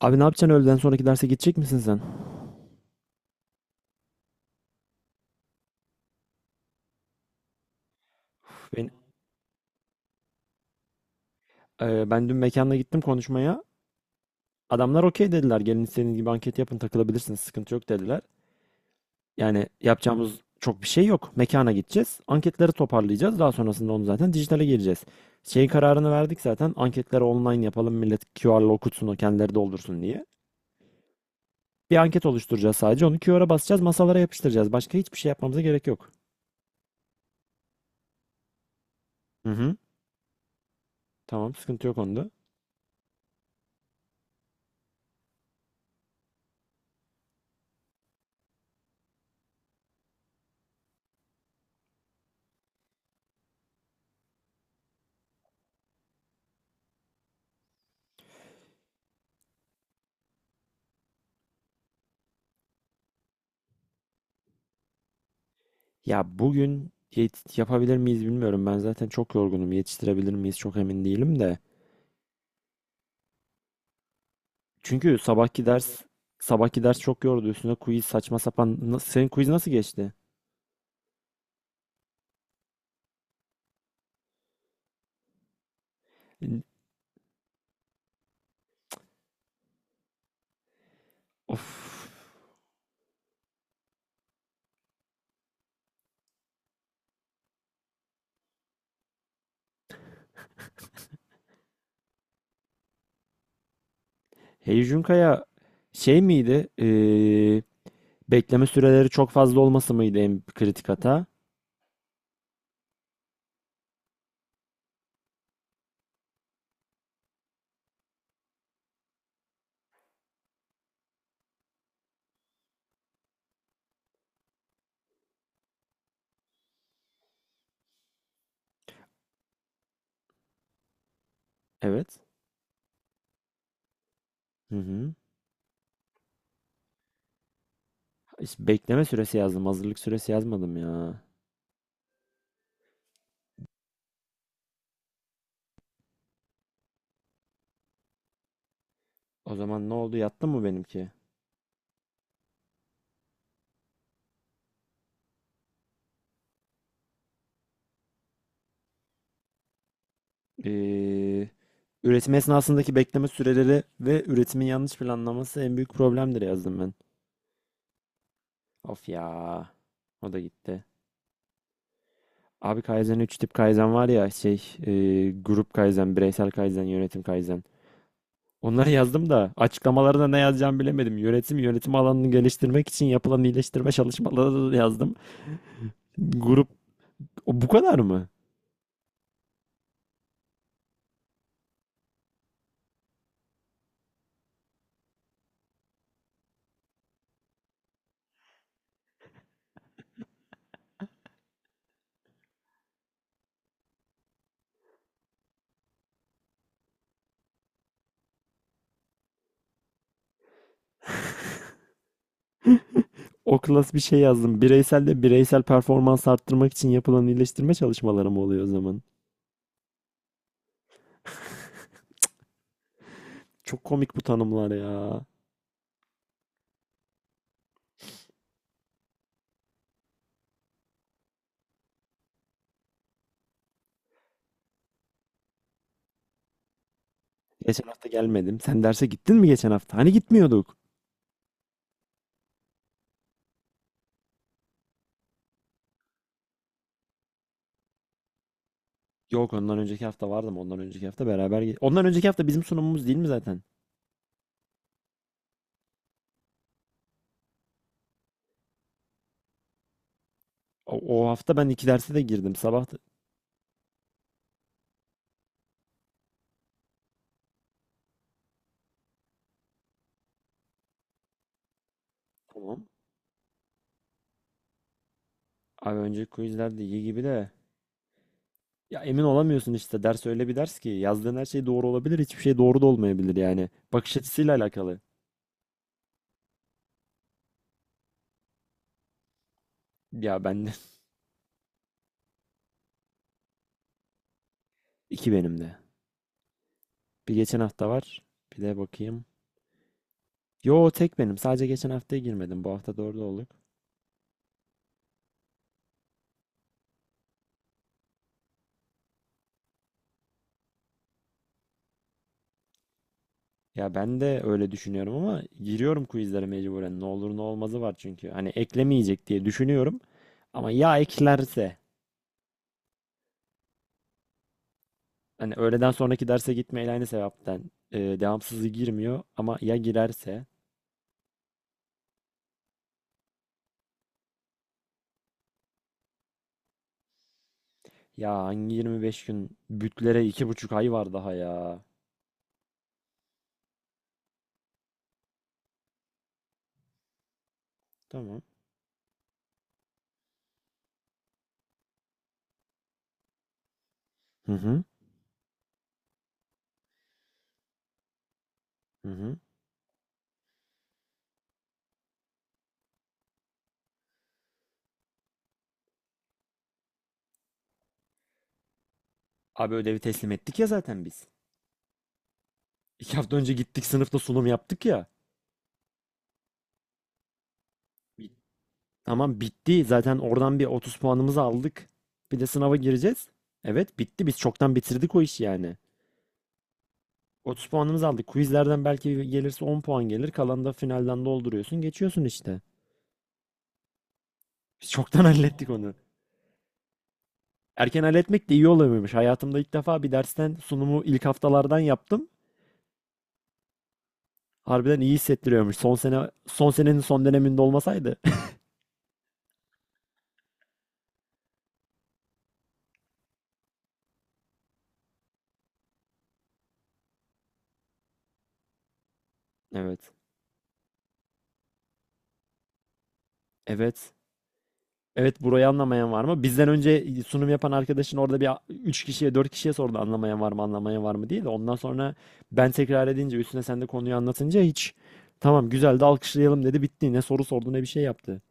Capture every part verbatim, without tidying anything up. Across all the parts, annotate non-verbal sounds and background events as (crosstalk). Abi ne yapacaksın, öğleden sonraki derse gidecek misin sen? Uf, ben, e, ben dün mekanda gittim konuşmaya. Adamlar okey dediler. Gelin istediğiniz gibi anket yapın, takılabilirsiniz. Sıkıntı yok dediler. Yani yapacağımız çok bir şey yok. Mekana gideceğiz. Anketleri toparlayacağız. Daha sonrasında onu zaten dijitale gireceğiz. Şeyin kararını verdik zaten. Anketleri online yapalım. Millet Q R'la okutsun, o kendileri doldursun diye. Bir anket oluşturacağız sadece. Onu Q R'a basacağız. Masalara yapıştıracağız. Başka hiçbir şey yapmamıza gerek yok. Hı hı. Tamam, sıkıntı yok onda. Ya bugün yet- yapabilir miyiz bilmiyorum. Ben zaten çok yorgunum. Yetiştirebilir miyiz çok emin değilim de. Çünkü sabahki ders sabahki ders çok yordu. Üstüne quiz saçma sapan. Na- Senin quiz nasıl geçti? N- Of. Hey Kaya, şey miydi? Ee, bekleme süreleri çok fazla olması mıydı en kritik hata? Evet. Hı hı. İşte bekleme süresi yazdım. Hazırlık süresi yazmadım ya. O zaman ne oldu? Yattı mı benimki? Ee, üretim esnasındaki bekleme süreleri ve üretimin yanlış planlaması en büyük problemdir yazdım ben. Of ya. O da gitti. Abi Kaizen, üç tip Kaizen var ya, şey, e, grup Kaizen, bireysel Kaizen, yönetim Kaizen. Onları yazdım da açıklamalarına ne yazacağımı bilemedim. Yönetim, yönetim alanını geliştirmek için yapılan iyileştirme çalışmaları da yazdım. Grup o bu kadar mı? O klas bir şey yazdım. Bireysel de bireysel performans arttırmak için yapılan iyileştirme çalışmaları mı oluyor o zaman? Çok komik bu tanımlar ya. Geçen hafta gelmedim. Sen derse gittin mi geçen hafta? Hani gitmiyorduk. Yok, ondan önceki hafta vardım. Ondan önceki hafta beraber ge- ondan önceki hafta bizim sunumumuz değil mi zaten? O, o hafta ben iki derse de girdim. Sabah da- Tamam. Abi önceki quizler de iyi gibi de. Ya emin olamıyorsun işte. Ders öyle bir ders ki, yazdığın her şey doğru olabilir, hiçbir şey doğru da olmayabilir yani. Bakış açısıyla alakalı. Ya ben de. (laughs) iki benim de. Bir geçen hafta var. Bir de bakayım. Yo, tek benim. Sadece geçen haftaya girmedim. Bu hafta doğru olduk. Ya ben de öyle düşünüyorum ama giriyorum quizlere mecburen. Ne olur ne olmazı var çünkü. Hani eklemeyecek diye düşünüyorum ama ya eklerse, hani öğleden sonraki derse gitmeyle aynı sebepten, e, devamsızı girmiyor ama ya girerse, ya hangi yirmi beş gün, bütlere iki buçuk ay var daha ya. Tamam. Hı hı. Hı hı. Abi ödevi teslim ettik ya zaten biz. İki hafta önce gittik sınıfta sunum yaptık ya. Tamam, bitti. Zaten oradan bir otuz puanımızı aldık. Bir de sınava gireceğiz. Evet, bitti. Biz çoktan bitirdik o işi yani. otuz puanımızı aldık. Quizlerden belki gelirse on puan gelir. Kalanı da finalden dolduruyorsun. Geçiyorsun işte. Biz çoktan (laughs) hallettik onu. Erken halletmek de iyi oluyormuş. Hayatımda ilk defa bir dersten sunumu ilk haftalardan yaptım. Harbiden iyi hissettiriyormuş. Son sene, son senenin son döneminde olmasaydı. (laughs) Evet. Evet. Evet, burayı anlamayan var mı? Bizden önce sunum yapan arkadaşın orada bir üç kişiye dört kişiye sordu anlamayan var mı anlamayan var mı diye de ondan sonra ben tekrar edince, üstüne sen de konuyu anlatınca, hiç, tamam güzel, de alkışlayalım dedi, bitti, ne soru sordu ne bir şey yaptı.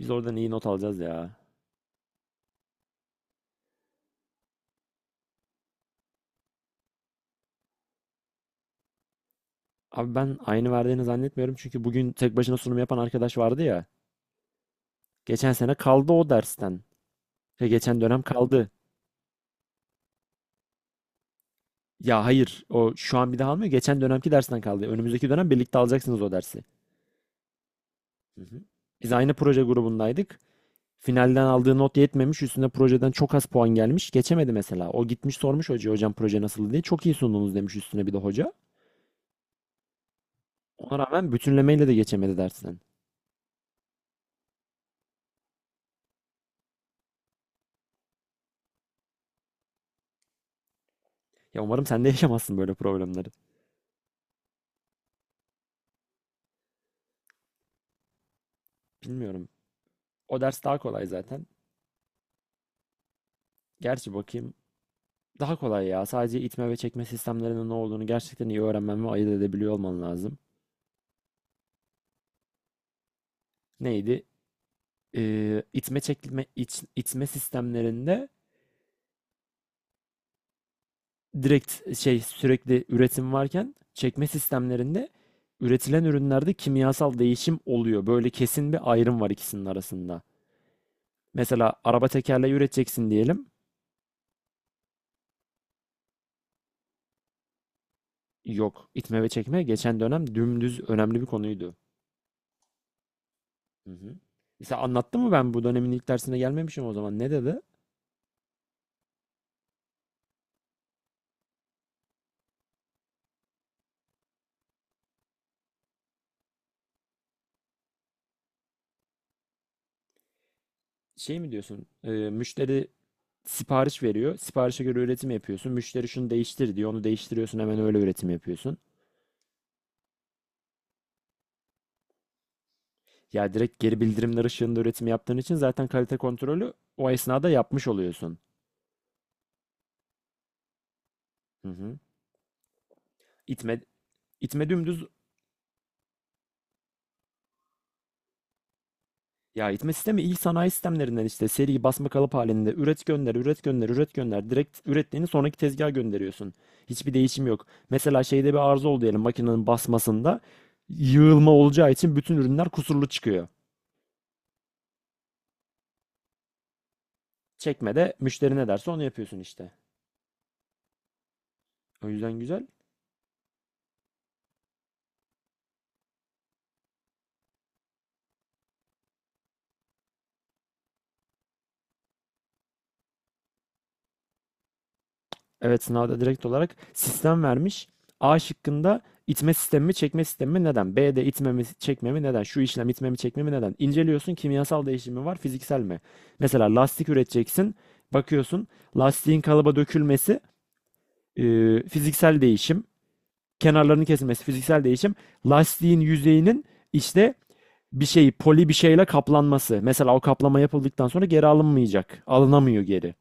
Biz oradan iyi not alacağız ya. Abi ben aynı verdiğini zannetmiyorum çünkü bugün tek başına sunum yapan arkadaş vardı ya. Geçen sene kaldı o dersten. Şey, geçen dönem kaldı. Ya hayır, o şu an bir daha almıyor, geçen dönemki dersten kaldı. Önümüzdeki dönem birlikte alacaksınız o dersi. Hı hı. Biz aynı proje grubundaydık. Finalden aldığı not yetmemiş. Üstüne projeden çok az puan gelmiş. Geçemedi mesela. O gitmiş sormuş hocaya, hocam proje nasıl diye. Çok iyi sundunuz demiş üstüne bir de hoca. Ona rağmen bütünlemeyle de geçemedi dersten. Ya umarım sen de (laughs) yaşamazsın böyle problemleri. Bilmiyorum. O ders daha kolay zaten. Gerçi bakayım. Daha kolay ya. Sadece itme ve çekme sistemlerinin ne olduğunu gerçekten iyi öğrenmen ve ayırt edebiliyor olman lazım. Neydi? Ee, itme çekme iç- itme sistemlerinde direkt şey, sürekli üretim varken, çekme sistemlerinde üretilen ürünlerde kimyasal değişim oluyor. Böyle kesin bir ayrım var ikisinin arasında. Mesela araba tekerleği üreteceksin diyelim. Yok, itme ve çekme geçen dönem dümdüz önemli bir konuydu. Hı hı. Mesela anlattım mı ben? Bu dönemin ilk dersine gelmemişim o zaman. Ne dedi? Şey mi diyorsun? E, müşteri sipariş veriyor. Siparişe göre üretim yapıyorsun. Müşteri şunu değiştir diyor. Onu değiştiriyorsun, hemen öyle üretim yapıyorsun. Ya direkt geri bildirimler ışığında üretim yaptığın için zaten kalite kontrolü o esnada yapmış oluyorsun. Hı hı. İtme, itme dümdüz, ya itme sistemi ilk sanayi sistemlerinden, işte seri basma kalıp halinde üret gönder üret gönder üret gönder, direkt ürettiğini sonraki tezgaha gönderiyorsun. Hiçbir değişim yok. Mesela şeyde bir arıza oldu diyelim, makinenin basmasında yığılma olacağı için bütün ürünler kusurlu çıkıyor. Çekmede müşteri ne derse onu yapıyorsun işte. O yüzden güzel. Evet, sınavda direkt olarak sistem vermiş. A şıkkında itme sistemi mi çekme sistemi mi neden? B'de itme mi çekme mi neden? Şu işlem itme mi çekme mi neden? İnceliyorsun, kimyasal değişimi var, fiziksel mi? Mesela lastik üreteceksin. Bakıyorsun lastiğin kalıba dökülmesi, e, fiziksel değişim. Kenarlarının kesilmesi fiziksel değişim. Lastiğin yüzeyinin işte bir şey, poli bir şeyle kaplanması. Mesela o kaplama yapıldıktan sonra geri alınmayacak. Alınamıyor geri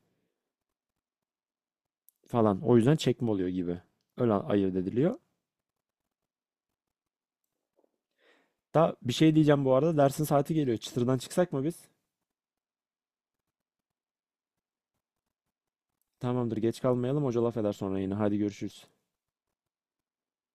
falan. O yüzden çekme oluyor gibi. Öyle ayırt ediliyor. Da bir şey diyeceğim bu arada. Dersin saati geliyor. Çıtırdan çıksak mı biz? Tamamdır, geç kalmayalım. Hoca laf eder sonra yine. Hadi görüşürüz.